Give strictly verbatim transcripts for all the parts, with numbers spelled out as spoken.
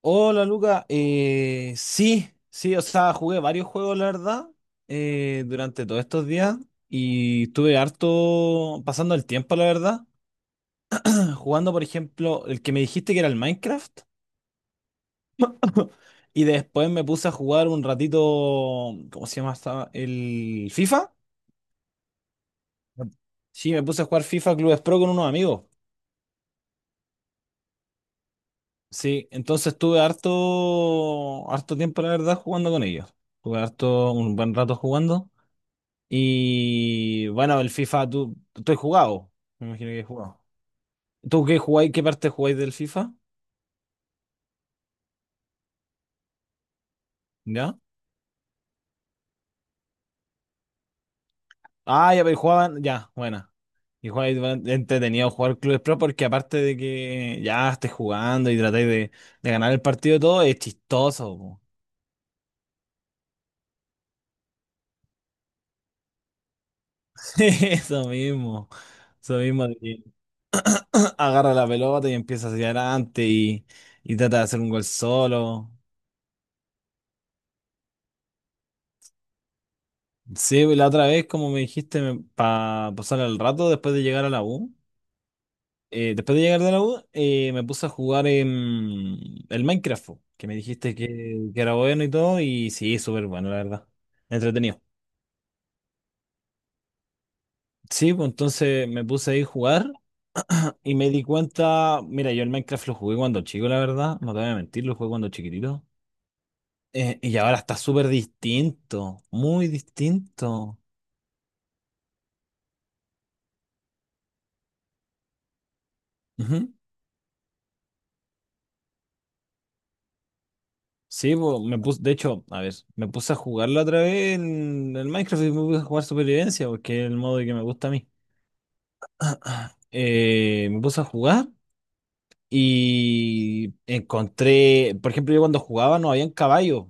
Hola Luca, Eh, sí, sí, o sea, jugué varios juegos, la verdad, eh, durante todos estos días y estuve harto pasando el tiempo, la verdad, jugando, por ejemplo, el que me dijiste que era el Minecraft. Y después me puse a jugar un ratito, ¿cómo se llama esta? El FIFA. Sí, me puse a jugar FIFA Clubes Pro con unos amigos. Sí, entonces estuve harto, harto tiempo, la verdad, jugando con ellos. Estuve harto, un buen rato jugando. Y bueno, el FIFA, tú, tú has jugado. Me imagino que has jugado. ¿Tú qué jugáis? ¿Qué parte jugáis del FIFA? ¿Ya? Ah, ya, pero jugaban, ya, buena. Y jugáis bueno, entretenido jugar Clubes Pro porque aparte de que ya estés jugando y tratáis de, de ganar el partido y todo, es chistoso, po. Eso mismo. Eso mismo de que agarra la pelota y empieza hacia adelante y, y trata de hacer un gol solo. Sí, la otra vez, como me dijiste, para pasar el rato después de llegar a la U. Eh, después de llegar de la U, eh, me puse a jugar en el Minecraft, po, que me dijiste que, que era bueno y todo, y sí, súper bueno, la verdad. Entretenido. Sí, pues entonces me puse ahí a jugar y me di cuenta, mira, yo el Minecraft lo jugué cuando chico, la verdad, no te voy a mentir, lo jugué cuando chiquitito. Eh, y ahora está súper distinto, muy distinto. Ujú. Sí, pues me puse, de hecho, a ver, me puse a jugarlo otra vez en el Minecraft y me puse a jugar Supervivencia, porque es el modo que me gusta a mí. Eh, me puse a jugar y encontré, por ejemplo, yo cuando jugaba no habían caballos,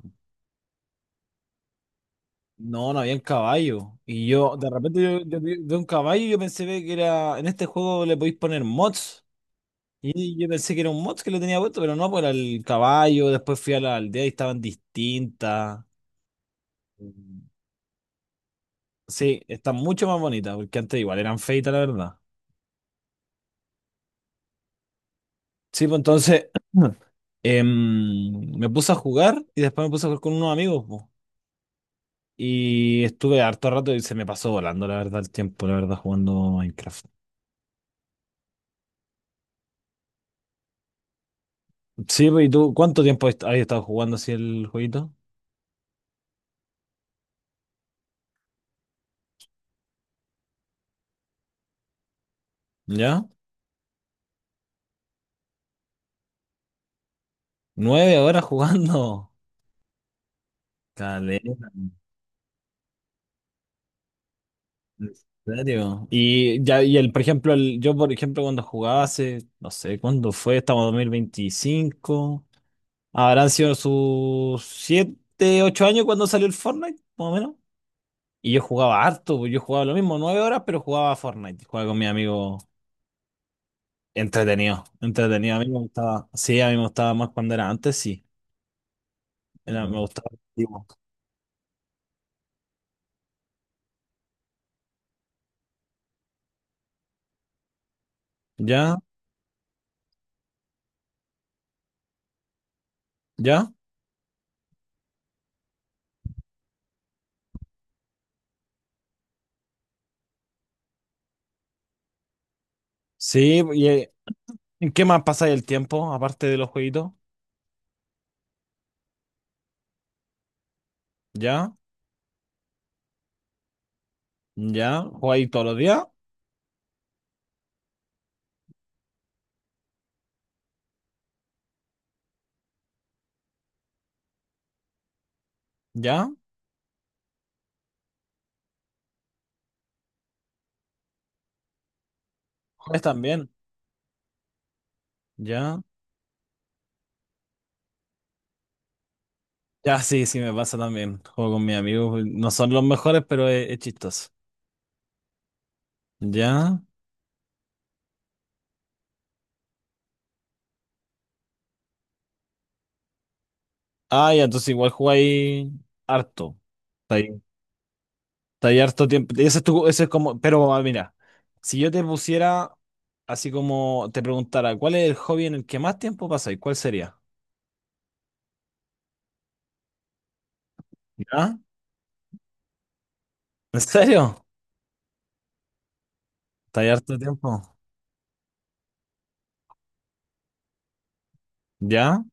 no, no habían caballo. Y yo, de repente, yo, yo vi vi un caballo y yo pensé ve que era, en este juego le podéis poner mods. Y yo pensé que era un mods que le tenía puesto, pero no, pues era el caballo. Después fui a la aldea y estaban distintas. Sí, están mucho más bonitas, porque antes igual eran feitas, la verdad. Sí, pues entonces em, me puse a jugar y después me puse a jugar con unos amigos, po. Y estuve harto rato y se me pasó volando, la verdad, el tiempo, la verdad, jugando Minecraft. Sí, pues, ¿y tú cuánto tiempo est- has estado jugando así el jueguito? ¿Ya? Nueve horas jugando. Caleta. ¿En serio? Y ya, y el, por ejemplo, el, yo, por ejemplo, cuando jugaba hace, no sé, ¿cuándo fue? Estamos en dos mil veinticinco. Habrán sido sus siete, ocho años cuando salió el Fortnite, más o menos. Y yo jugaba harto, pues yo jugaba lo mismo, nueve horas, pero jugaba Fortnite. Jugaba con mi amigo. Entretenido, entretenido. A mí me gustaba, sí, a mí me gustaba más cuando era antes, sí. Era, me Mm. gustaba. Antiguo. ¿Ya? ¿Ya? Sí, y, eh, ¿en qué más pasa el tiempo aparte de los jueguitos? ¿Ya? ¿Ya? ¿Jugáis todos los días? ¿Ya? ¿Juegas también? ¿Ya? Ya, sí, sí, me pasa también. Juego con mis amigos, no son los mejores, pero es, es chistoso. ¿Ya? Ah, ya, entonces igual jugáis harto. Está ahí harto tiempo. Ese es tu- ese es como, pero ah, mira, si yo te pusiera, así como te preguntara, ¿cuál es el hobby en el que más tiempo pasáis? ¿Cuál sería? ¿Ya? ¿En serio? Está ahí harto tiempo. ¿Ya?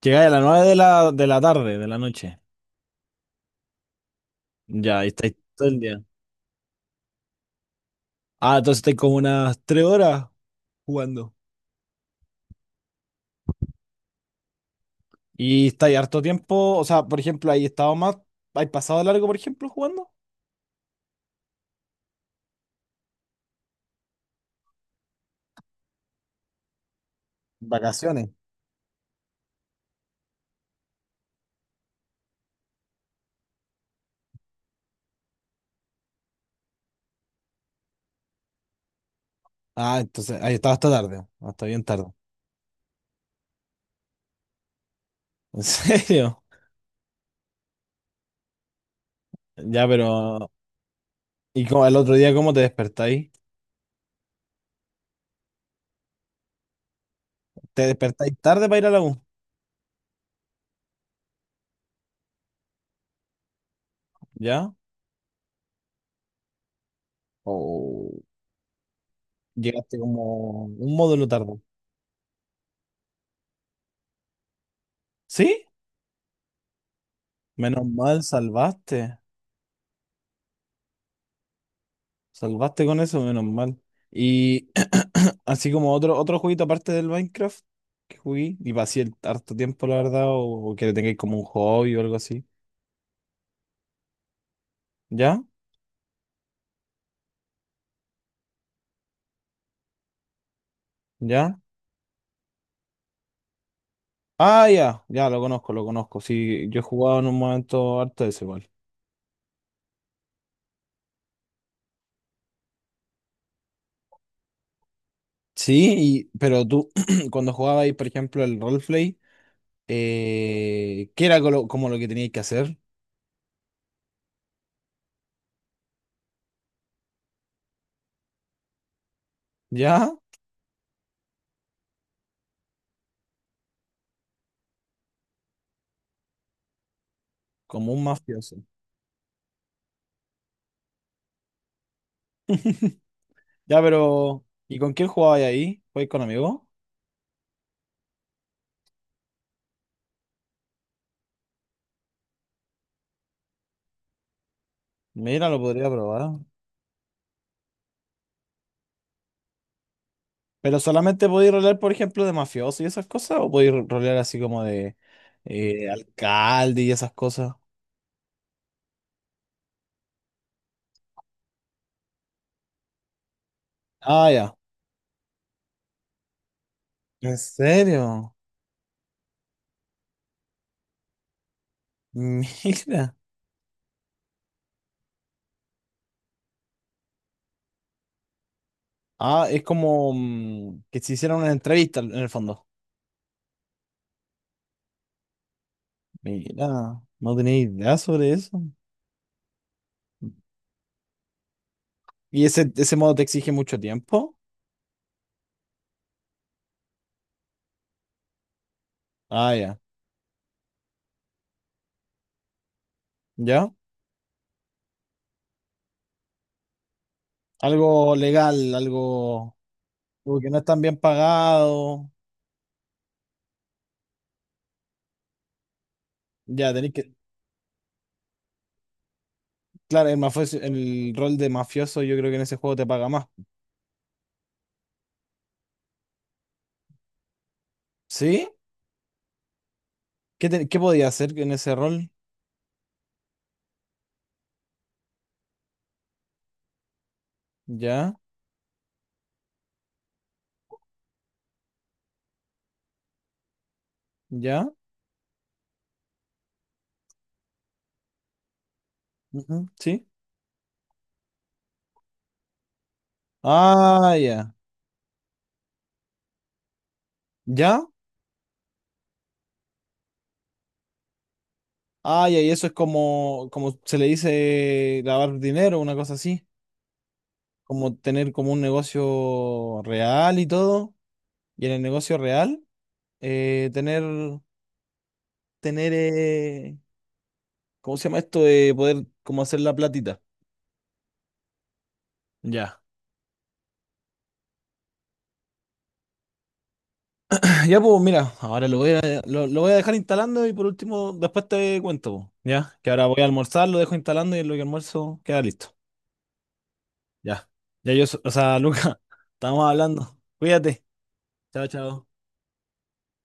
Llegáis a las nueve de la, de la tarde, de la noche. Ya, y estáis todo el día. Ah, entonces estáis como unas tres horas jugando. ¿Y estáis harto tiempo? O sea, por ejemplo, ¿hay estado más, hay pasado largo, por ejemplo, jugando? Vacaciones. Ah, entonces, ahí estaba hasta tarde, hasta bien tarde. ¿En serio? Ya, pero. ¿Y cómo- el otro día cómo te despertáis? ¿Te despertáis tarde para ir a la U? ¿Ya? ¿O llegaste como un módulo tarde? ¿Sí? Menos mal, salvaste. Salvaste con eso, menos mal. Y así como otro, otro jueguito aparte del Minecraft que jugué y pasé el harto tiempo, la verdad, o, o que le tengáis como un hobby o algo así. ¿Ya? ¿Ya? Ah, ya, ya, lo conozco, lo conozco. Sí, yo he jugado en un momento harto de ese, igual. Sí, y, pero tú, cuando jugabas ahí, por ejemplo, el roleplay, eh, ¿qué era colo- como, lo que tenías que hacer? ¿Ya? Como un mafioso. Ya, pero ¿y con quién jugabas ahí? ¿Jugabas con amigos? Mira, lo podría probar. ¿Pero solamente podías rolear, por ejemplo, de mafioso y esas cosas? ¿O podías ro- rolear así como de eh, alcalde y esas cosas? Ah, ya. ¿En serio? Mira. Ah, es como mm, que se hicieron una entrevista en el fondo. Mira, no tenía idea sobre eso. ¿Y ese, ese modo te exige mucho tiempo? Ah, ya. ¿Ya? Algo legal, algo, algo que no es tan bien pagado. Ya, tenéis que... Claro, el mafioso, el rol de mafioso yo creo que en ese juego te paga más. ¿Sí? ¿Qué, te- qué podía hacer en ese rol? ¿Ya? ¿Ya? Ujú, ¿sí? Ah, ya. ¿Ya? Ah, ya, y eso es como, como se le dice lavar dinero, una cosa así. Como tener como un negocio real y todo, y en el negocio real, eh, tener, tener, eh, ¿cómo se llama esto? De poder como hacer la platita. Ya. Ya, pues mira, ahora lo voy a, lo, lo voy a dejar instalando y por último, después te cuento, po, ¿ya? Que ahora voy a almorzar, lo dejo instalando y en lo que almuerzo queda listo. Ya. Ya yo, so- o sea, Luca, estamos hablando. Cuídate. Chao, chao.